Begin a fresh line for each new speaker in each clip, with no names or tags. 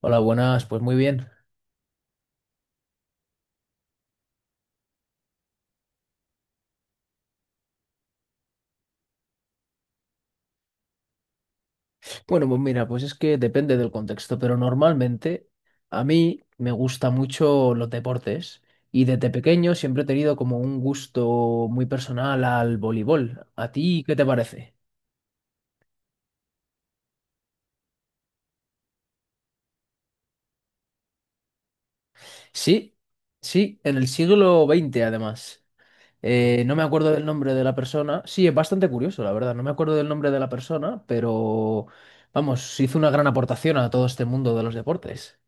Hola, buenas, pues muy bien. Bueno, pues mira, pues es que depende del contexto, pero normalmente a mí me gustan mucho los deportes y desde pequeño siempre he tenido como un gusto muy personal al voleibol. ¿A ti qué te parece? Sí, sí, en el siglo XX además. No me acuerdo del nombre de la persona. Sí, es bastante curioso, la verdad. No me acuerdo del nombre de la persona, pero vamos, hizo una gran aportación a todo este mundo de los deportes.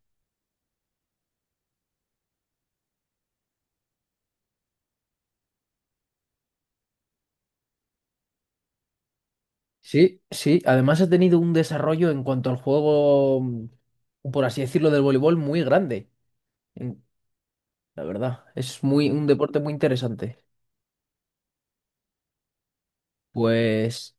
Sí, sí. Además ha tenido un desarrollo en cuanto al juego, por así decirlo, del voleibol muy grande. en- La verdad, es muy un deporte muy interesante. Pues,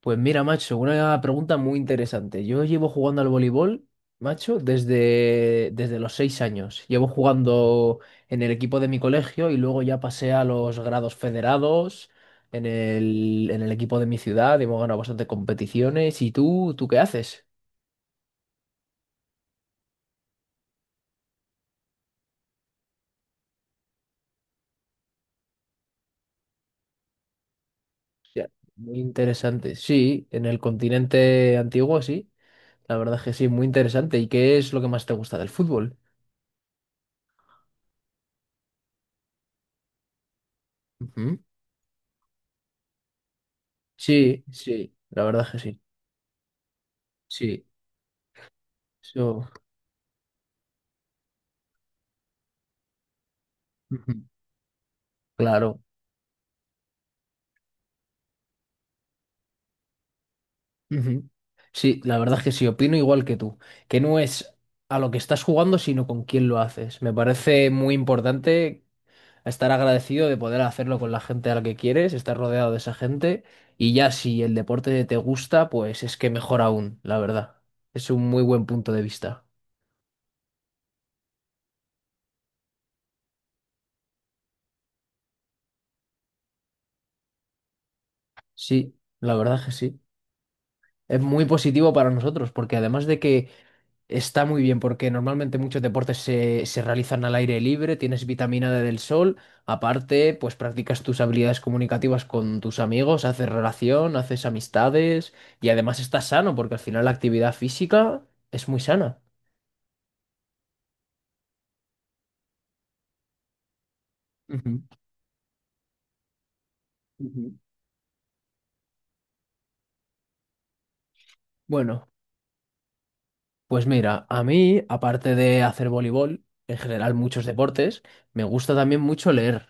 pues mira, macho, una pregunta muy interesante. Yo llevo jugando al voleibol, macho, desde los 6 años. Llevo jugando en el equipo de mi colegio y luego ya pasé a los grados federados en el equipo de mi ciudad. Hemos ganado bastantes competiciones. ¿Y tú qué haces? Ya, muy interesante. Sí, en el continente antiguo, sí. La verdad es que sí, muy interesante. ¿Y qué es lo que más te gusta del fútbol? Ujú. Sí, sí, la verdad es que sí. Sí, eso. Ujú. Claro. Ujú. Sí, la verdad es que sí, opino igual que tú, que no es a lo que estás jugando, sino con quién lo haces. Me parece muy importante a estar agradecido de poder hacerlo con la gente a la que quieres, estar rodeado de esa gente y ya si el deporte te gusta, pues es que mejor aún, la verdad. Es un muy buen punto de vista. Sí, la verdad que sí. Es muy positivo para nosotros, porque además de que está muy bien, porque normalmente muchos deportes se realizan al aire libre, tienes vitamina D del sol, aparte, pues practicas tus habilidades comunicativas con tus amigos, haces relación, haces amistades y además estás sano, porque al final la actividad física es muy sana. Ujú. Ujú. Bueno, pues mira, a mí, aparte de hacer voleibol, en general muchos deportes, me gusta también mucho leer.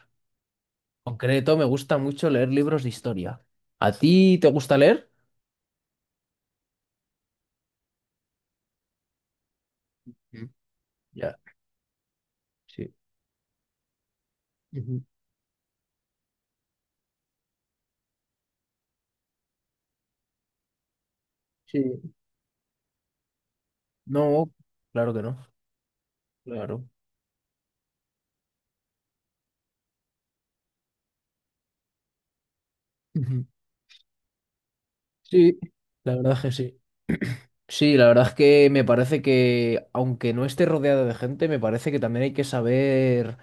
Concreto, me gusta mucho leer libros de historia. ¿A ti te gusta leer? Mm. Ya, sí. Ujú, sí. No, claro que no. Claro. Ujú. Sí, la verdad es que sí. Sí, la verdad es que me parece que, aunque no esté rodeado de gente, me parece que también hay que saber.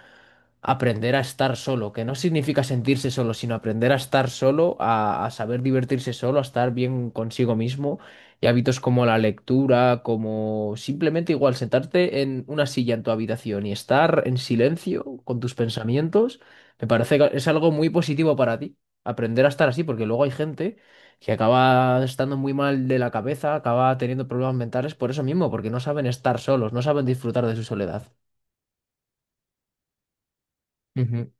Aprender a estar solo, que no significa sentirse solo, sino aprender a estar solo, a saber divertirse solo, a estar bien consigo mismo. Y hábitos como la lectura, como simplemente igual sentarte en una silla en tu habitación y estar en silencio con tus pensamientos, me parece que es algo muy positivo para ti. Aprender a estar así, porque luego hay gente que acaba estando muy mal de la cabeza, acaba teniendo problemas mentales por eso mismo, porque no saben estar solos, no saben disfrutar de su soledad. Ujú.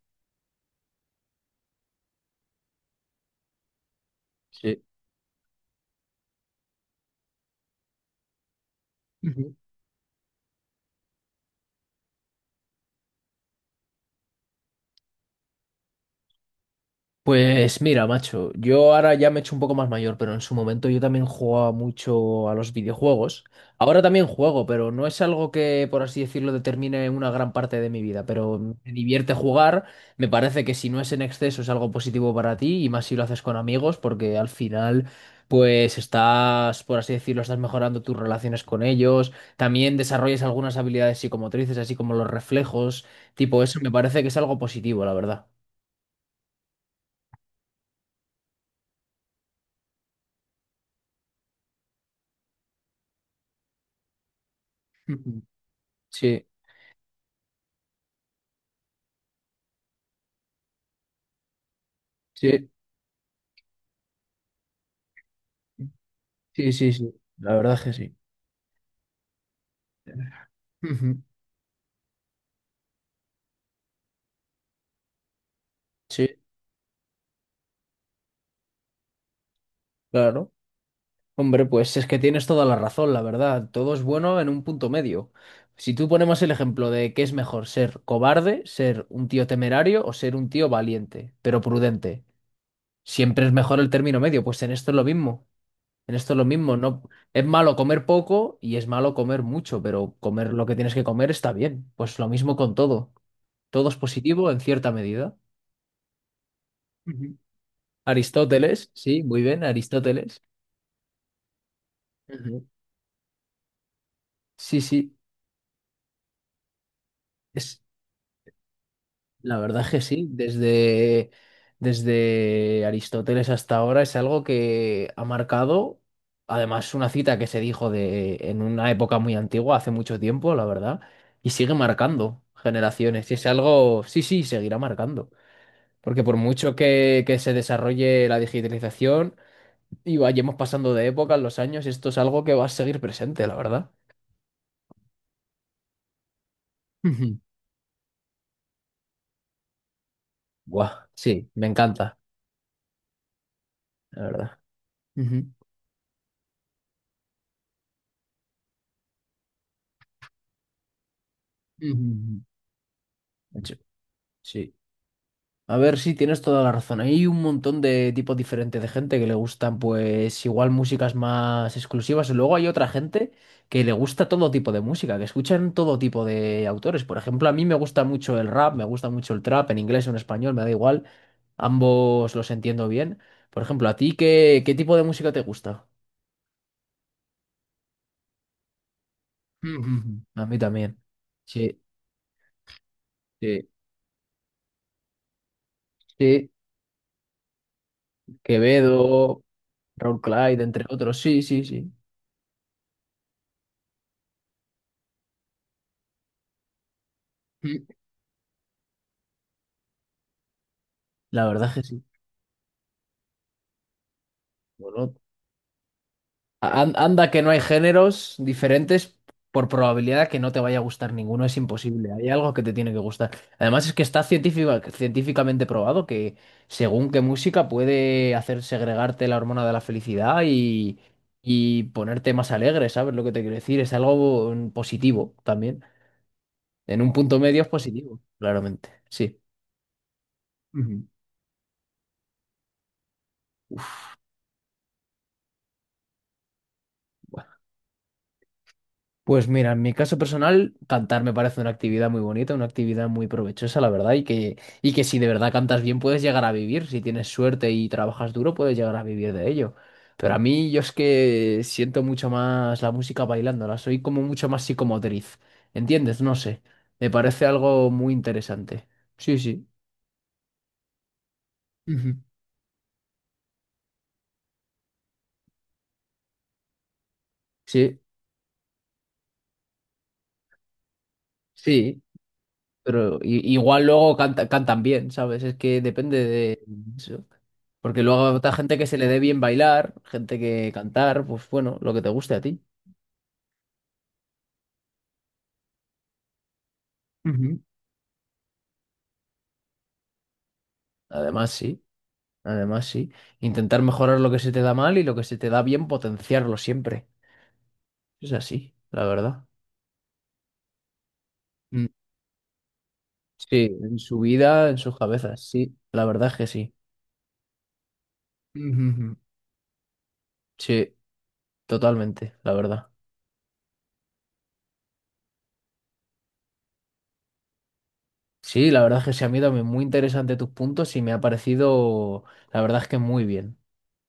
Sí. Ujú. Pues mira, macho, yo ahora ya me he hecho un poco más mayor, pero en su momento yo también jugaba mucho a los videojuegos. Ahora también juego, pero no es algo que, por así decirlo, determine una gran parte de mi vida. Pero me divierte jugar, me parece que si no es en exceso es algo positivo para ti y más si lo haces con amigos, porque al final, pues estás, por así decirlo, estás mejorando tus relaciones con ellos. También desarrollas algunas habilidades psicomotrices, así como los reflejos, tipo eso, me parece que es algo positivo, la verdad. Sí. Sí, sí, sí, sí. La verdad es que sí. Ujú. Sí, claro. Hombre, pues es que tienes toda la razón, la verdad. Todo es bueno en un punto medio. Si tú ponemos el ejemplo de qué es mejor, ser cobarde, ser un tío temerario o ser un tío valiente, pero prudente. Siempre es mejor el término medio, pues en esto es lo mismo. En esto es lo mismo. No, es malo comer poco y es malo comer mucho, pero comer lo que tienes que comer está bien. Pues lo mismo con todo. Todo es positivo en cierta medida. Aristóteles, sí, muy bien, Aristóteles. Ujú. Sí, sí, es la verdad es que sí, desde Aristóteles hasta ahora es algo que ha marcado, además una cita que se dijo de en una época muy antigua, hace mucho tiempo, la verdad, y sigue marcando generaciones, y es algo, sí, sí, seguirá marcando, porque por mucho que se desarrolle la digitalización y vayamos pasando de época en los años, esto es algo que va a seguir presente, la verdad. Guau, sí, me encanta, la verdad. Ujú, ujú, ujú. Sí. Sí. A ver, sí, tienes toda la razón. Hay un montón de tipos diferentes de gente que le gustan, pues, igual músicas más exclusivas. Luego hay otra gente que le gusta todo tipo de música, que escuchan todo tipo de autores. Por ejemplo, a mí me gusta mucho el rap, me gusta mucho el trap, en inglés o en español, me da igual. Ambos los entiendo bien. Por ejemplo, ¿a ti qué tipo de música te gusta? Ujú, ujú. A mí también. Sí, sí. Sí, Quevedo, Raúl Clyde, entre otros. Sí, sí, sí. Mm. La verdad es que sí. Bueno, anda que no hay géneros diferentes por probabilidad que no te vaya a gustar ninguno, es imposible. Hay algo que te tiene que gustar. Además es que está científicamente probado que según qué música puede hacer segregarte la hormona de la felicidad y ponerte más alegre, ¿sabes lo que te quiero decir? Es algo positivo también. En un punto medio es positivo, claramente. Sí. Ujú. Pues mira, en mi caso personal, cantar me parece una actividad muy bonita, una actividad muy provechosa, la verdad, y que si de verdad cantas bien puedes llegar a vivir, si tienes suerte y trabajas duro puedes llegar a vivir de ello. Pero a mí yo es que siento mucho más la música bailándola, soy como mucho más psicomotriz, ¿entiendes? No sé, me parece algo muy interesante. Sí, sí. Ujú. Sí, sí. Pero igual luego cantan bien, ¿sabes? Es que depende de eso. Porque luego habrá gente que se le dé bien bailar, gente que cantar, pues bueno, lo que te guste a ti. Ujú. Además, sí, además, sí. Intentar mejorar lo que se te da mal y lo que se te da bien, potenciarlo siempre. Es así, la verdad. Mm. Sí, en su vida, en sus cabezas, sí. La verdad es que sí. Ujú. Sí, totalmente, la verdad. Sí, la verdad es que se han ido muy interesante tus puntos y me ha parecido, la verdad es que muy bien.